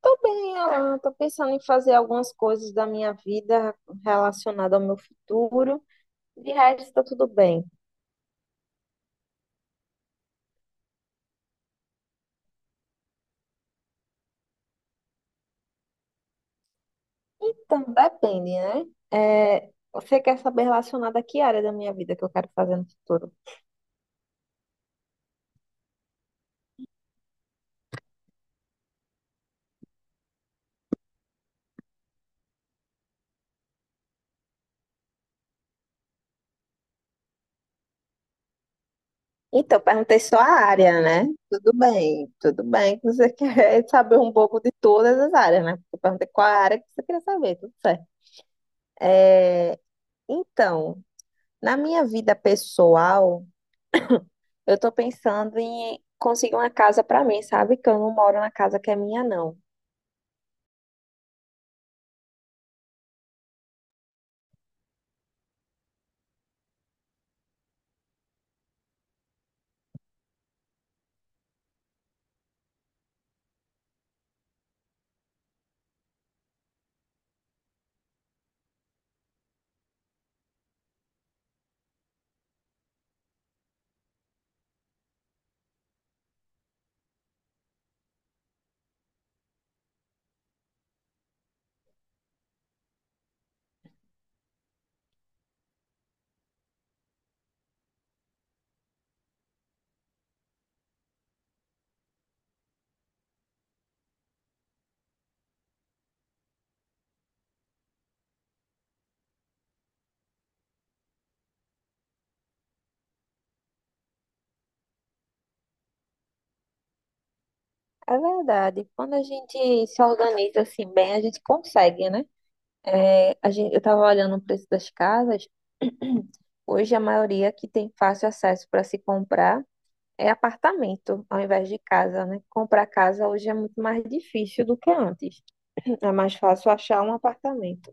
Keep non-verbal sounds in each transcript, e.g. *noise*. Tô bem, Alan. Tô pensando em fazer algumas coisas da minha vida relacionada ao meu futuro. De resto, tá tudo bem. Então, depende, né? É, você quer saber relacionada a que área da minha vida que eu quero fazer no futuro? Então, perguntei só a área, né? Tudo bem que você *laughs* quer saber um pouco de todas as áreas, né? Eu perguntei qual a área que você queria saber, tudo certo. Então, na minha vida pessoal, eu tô pensando em conseguir uma casa pra mim, sabe? Que eu não moro na casa que é minha, não. É verdade. Quando a gente se organiza assim bem, a gente consegue, né? É, a gente, eu tava olhando o preço das casas. Hoje a maioria que tem fácil acesso para se comprar é apartamento, ao invés de casa, né? Comprar casa hoje é muito mais difícil do que antes. É mais fácil achar um apartamento.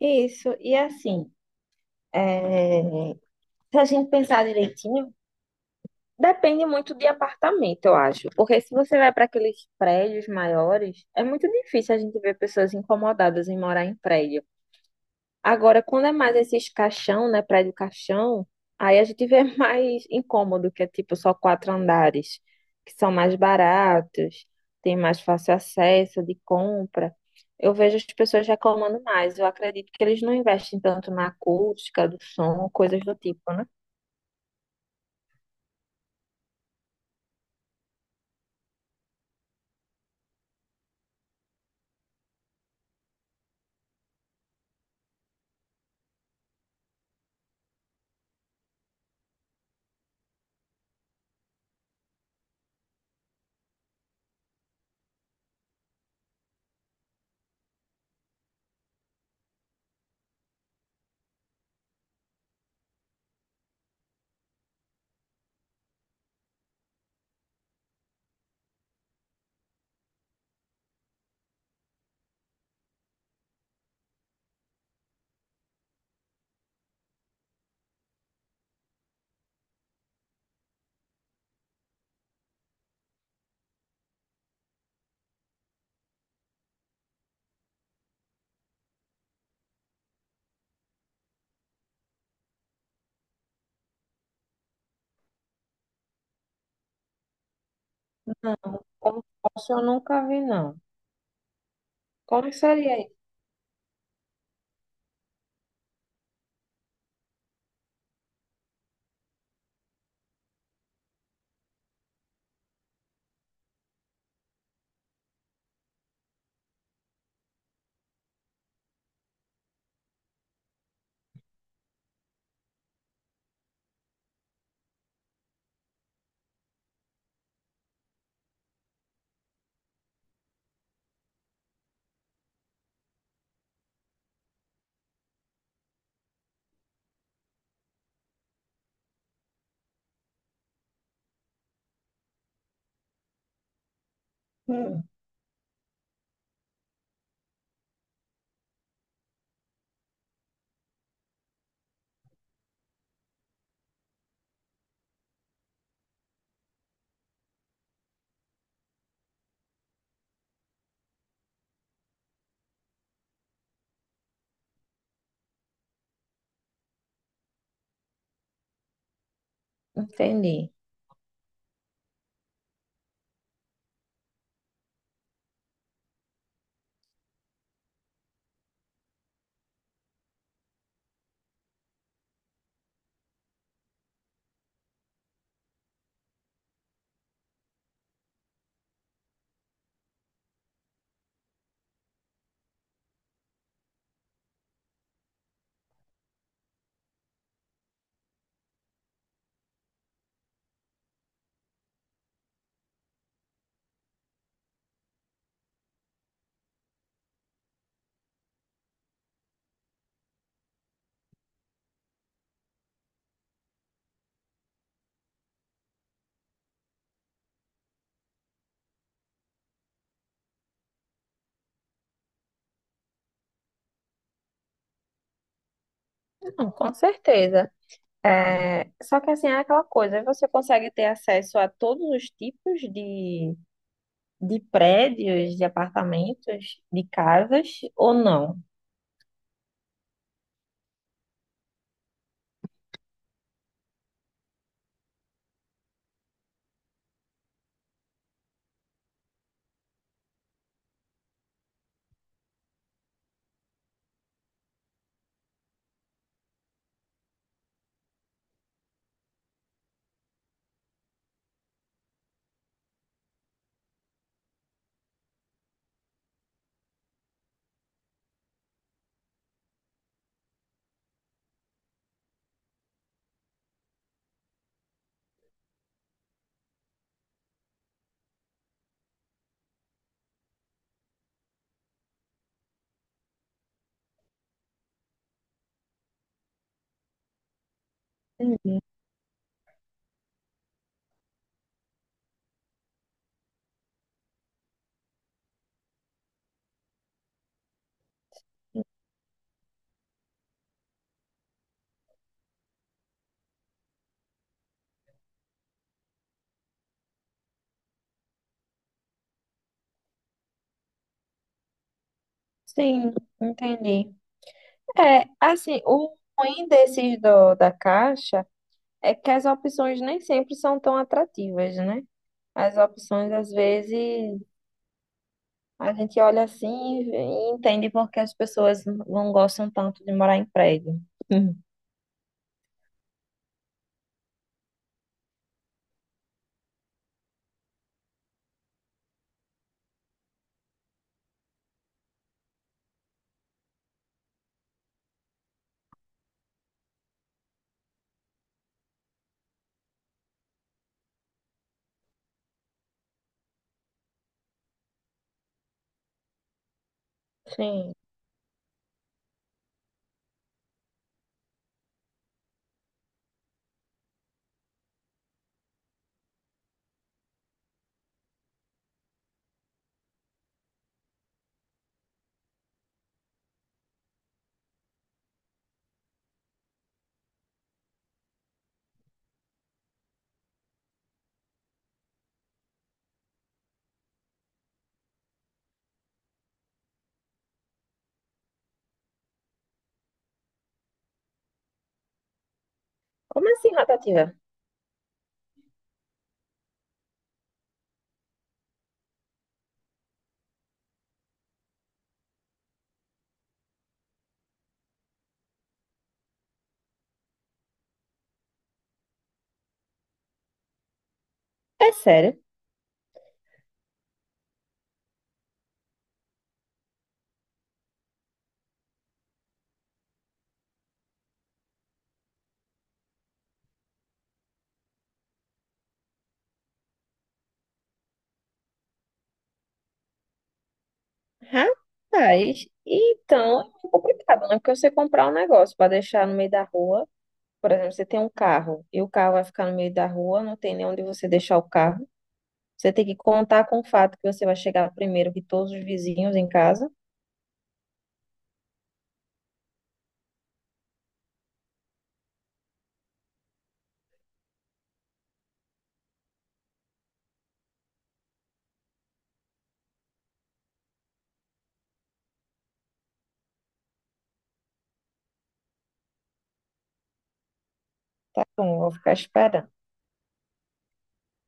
Isso, e assim, é, se a gente pensar direitinho. Depende muito de apartamento, eu acho. Porque se você vai para aqueles prédios maiores, é muito difícil a gente ver pessoas incomodadas em morar em prédio. Agora, quando é mais esses caixão, né, prédio caixão, aí a gente vê *laughs* mais incômodo, que é tipo só quatro andares, que são mais baratos, tem mais fácil acesso de compra. Eu vejo as pessoas reclamando mais. Eu acredito que eles não investem tanto na acústica do som, coisas do tipo, né? Como se fosse, eu nunca vi, não. Como seria. Hum, entendi. Não, com certeza. É, só que assim, é aquela coisa, você consegue ter acesso a todos os tipos de prédios, de apartamentos, de casas, ou não? Hum. Sim, entendi. É, assim, o ruim desses do, da Caixa é que as opções nem sempre são tão atrativas, né? As opções, às vezes, a gente olha assim e entende porque as pessoas não gostam tanto de morar em prédio. *laughs* Sim. Como assim, rotativa? É sério? Rapaz, então é muito complicado, né? Porque você comprar um negócio para deixar no meio da rua, por exemplo, você tem um carro e o carro vai ficar no meio da rua, não tem nem onde você deixar o carro. Você tem que contar com o fato que você vai chegar primeiro que todos os vizinhos em casa. Tá bom, eu vou ficar esperando.